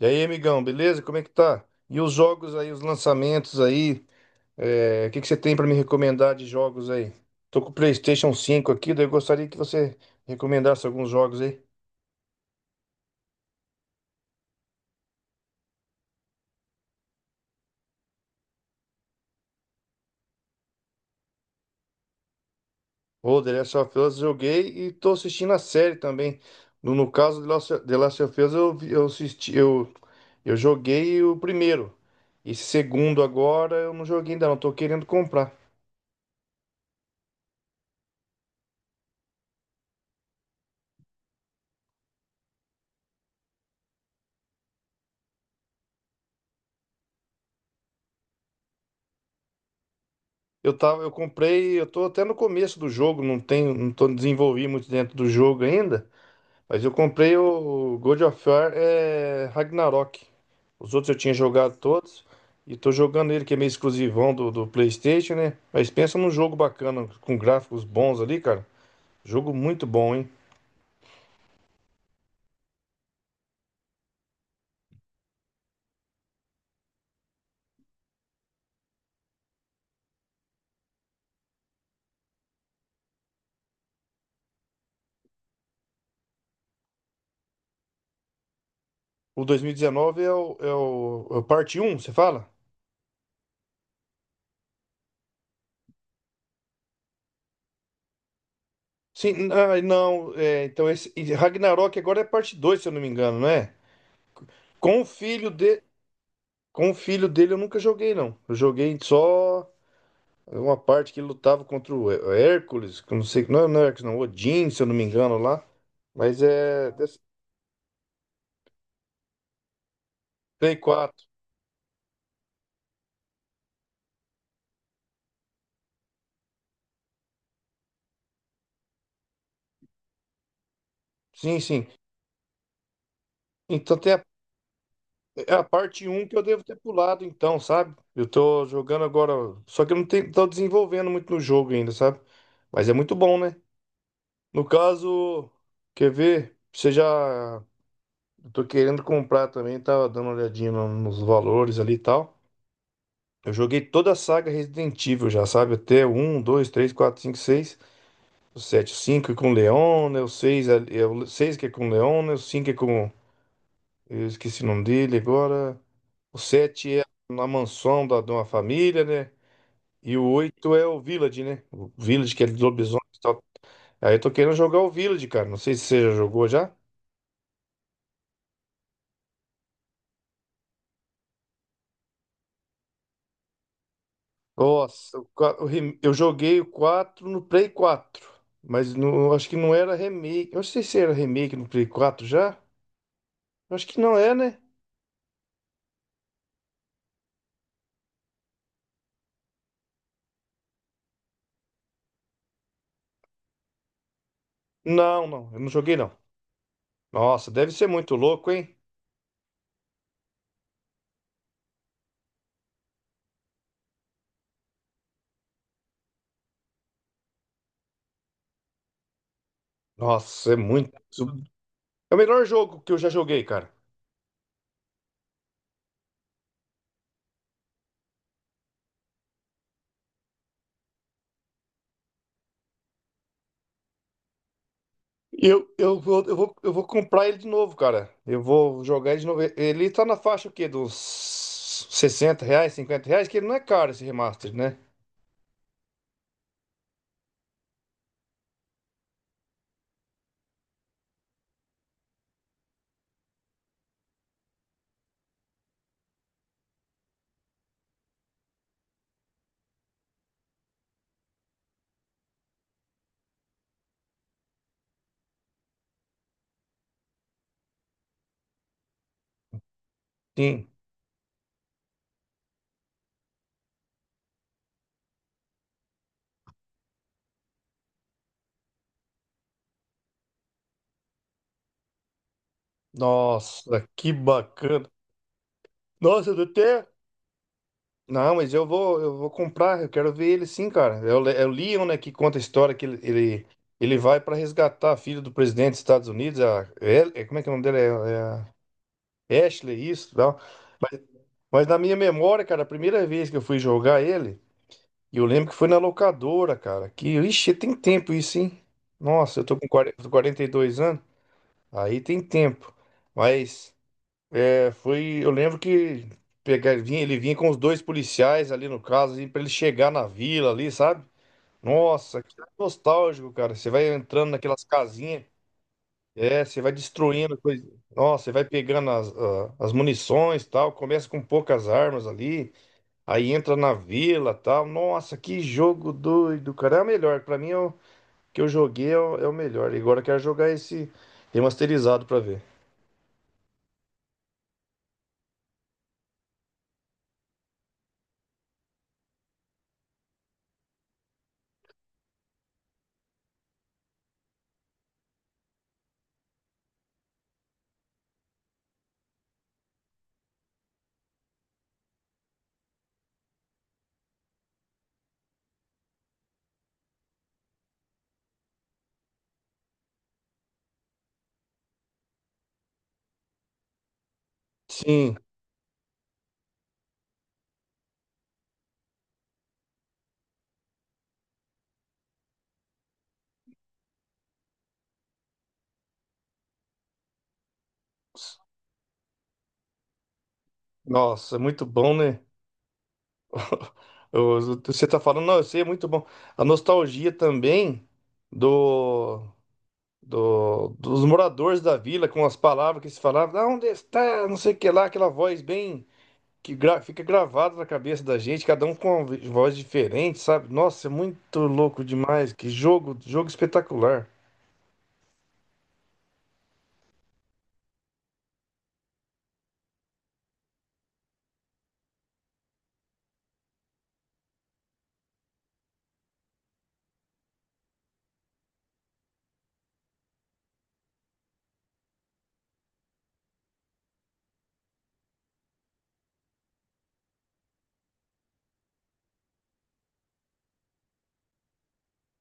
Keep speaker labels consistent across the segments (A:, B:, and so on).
A: E aí, amigão, beleza? Como é que tá? E os jogos aí, os lançamentos aí, o que que você tem pra me recomendar de jogos aí? Tô com o PlayStation cinco aqui, daí eu gostaria que você recomendasse alguns jogos aí. Ô, The Last of Us joguei e tô assistindo a série também. No caso de Last The Last of Us, eu assisti, eu joguei o primeiro. Esse segundo agora eu não joguei ainda, não, tô querendo comprar. Eu comprei, eu tô até no começo do jogo, não tenho, não tô desenvolvi muito dentro do jogo ainda. Mas eu comprei o God of War Ragnarok. Os outros eu tinha jogado todos. E tô jogando ele, que é meio exclusivão do PlayStation, né? Mas pensa num jogo bacana, com gráficos bons ali, cara. Jogo muito bom, hein? O 2019 é o parte Um, você fala? Sim, ah, não. Então esse e Ragnarok agora é parte 2, se eu não me engano, não é? Com o filho de, com o filho dele eu nunca joguei, não. Eu joguei só. Uma parte que lutava contra o Hércules, que eu não sei, não, é não é Hércules, não, Odin, se eu não me engano lá. Mas é dessa- Play 4. Sim, sim. Então tem a, é a parte um que eu devo ter pulado, então, sabe? Eu tô jogando agora, só que eu não tenho, tô desenvolvendo muito no jogo ainda, sabe? Mas é muito bom, né? No caso, quer ver? Você já. Eu tô querendo comprar também, tava dando uma olhadinha nos valores ali e tal. Eu joguei toda a saga Resident Evil já, sabe? Até um, 2, três, 4, 5, 6. O 7, 5 é com o Leon, né? O 6 é o 6 que é com o Leon, né? O 5 é com. Eu esqueci o nome dele agora. O 7 é na mansão de uma família, né? E o 8 é o Village, né? O Village que é de lobisomens e tal. Aí eu tô querendo jogar o Village, cara. Não sei se você já jogou já. Nossa, o qua- o rem- eu joguei o 4 no Play quatro. Mas não, acho que não era remake. Eu não sei se era remake no Play quatro já. Eu acho que não é, né? Não, não. Eu não joguei, não. Nossa, deve ser muito louco, hein? Nossa, é muito. É o melhor jogo que eu já joguei, cara. Eu vou comprar ele de novo, cara. Eu vou jogar ele de novo. Ele tá na faixa o quê? Dos R$ 60, R$ 50, que ele não é caro esse remaster, né? Sim. Nossa, que bacana. Nossa, eu até. Não, mas eu vou comprar, eu quero ver ele sim, cara. É é o Leon, né, que conta a história que ele, ele vai pra resgatar a filha do presidente dos Estados Unidos, é, como é que é o nome dela? É, é a Ashley, isso. Mas na minha memória, cara, a primeira vez que eu fui jogar ele, eu lembro que foi na locadora, cara. Que, ixi, tem tempo isso, hein? Nossa, eu tô com 42 anos, aí tem tempo. Mas eu lembro que pegar, vinha, ele vinha com os dois policiais ali no caso, assim, para ele chegar na vila ali, sabe? Nossa, que nostálgico, cara. Você vai entrando naquelas casinhas, você vai destruindo coisa. Nossa, você vai pegando as munições e tal, começa com poucas armas ali. Aí entra na vila, tal. Nossa, que jogo doido, cara. É o melhor. Pra mim, é o que eu joguei é é o melhor. E agora eu quero jogar esse remasterizado pra ver. Sim. Nossa, é muito bom, né? Você tá falando, não, eu sei, é muito bom. A nostalgia também do, dos moradores da vila com as palavras que se falavam: "Ah, onde está? Não sei o que lá", aquela voz bem fica gravado na cabeça da gente, cada um com uma voz diferente, sabe? Nossa, é muito louco demais. Que jogo, jogo espetacular.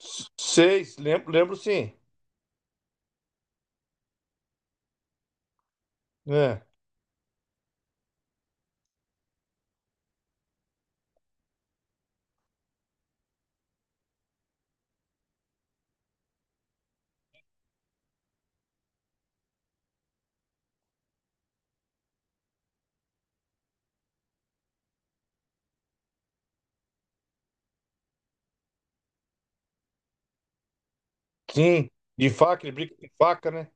A: Seis, lembro, lembro sim. É, sim, de faca, ele brinca com faca, né?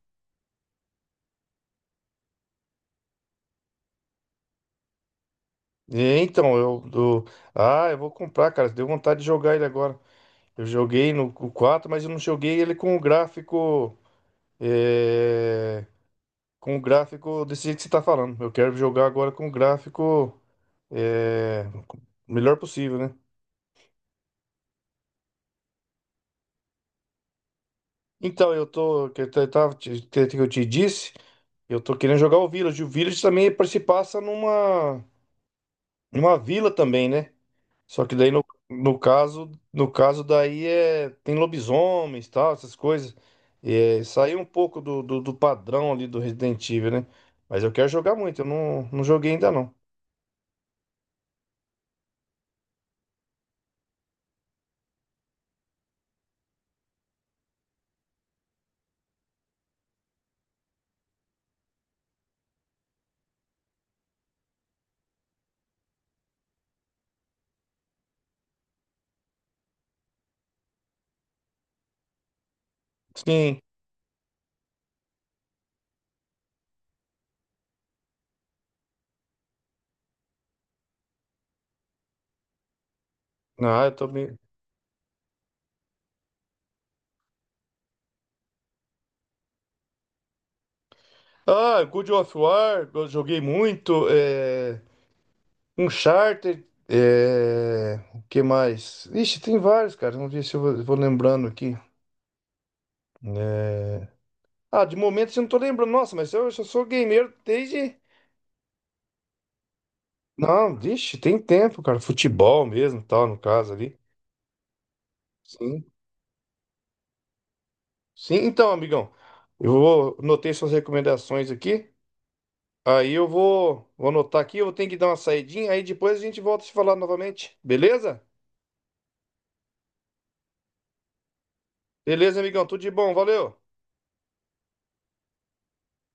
A: É, então, eu, eu- Ah, eu vou comprar, cara. Deu vontade de jogar ele agora. Eu joguei no o quatro, mas eu não joguei ele com o gráfico. é, Com o gráfico desse jeito que você tá falando. Eu quero jogar agora com o gráfico. é, Melhor possível, né? Então, eu tô, que eu te- tava, te- que eu te disse, eu tô querendo jogar o Village. O Village também se passa numa, numa vila também, né? Só que daí no, no caso, no caso daí é tem lobisomens, tal, essas coisas. É, saiu um pouco do padrão ali do Resident Evil, né? Mas eu quero jogar muito, eu não, não joguei ainda não. Sim. Ah, eu tô meio... Ah, God of War, eu joguei muito. É... Uncharted, é... o que mais? Ixi, tem vários, cara. Vamos ver se vou lembrando aqui. É... Ah, de momento eu não tô lembrando. Nossa, mas eu sou gamer desde. Não, vixe, tem tempo, cara. Futebol mesmo, tal, no caso ali. Sim. Sim, então, amigão. Eu vou anotei suas recomendações aqui. Vou anotar aqui, eu vou ter que dar uma saidinha, aí depois a gente volta a se falar novamente. Beleza? Beleza, amigão. Tudo de bom, valeu.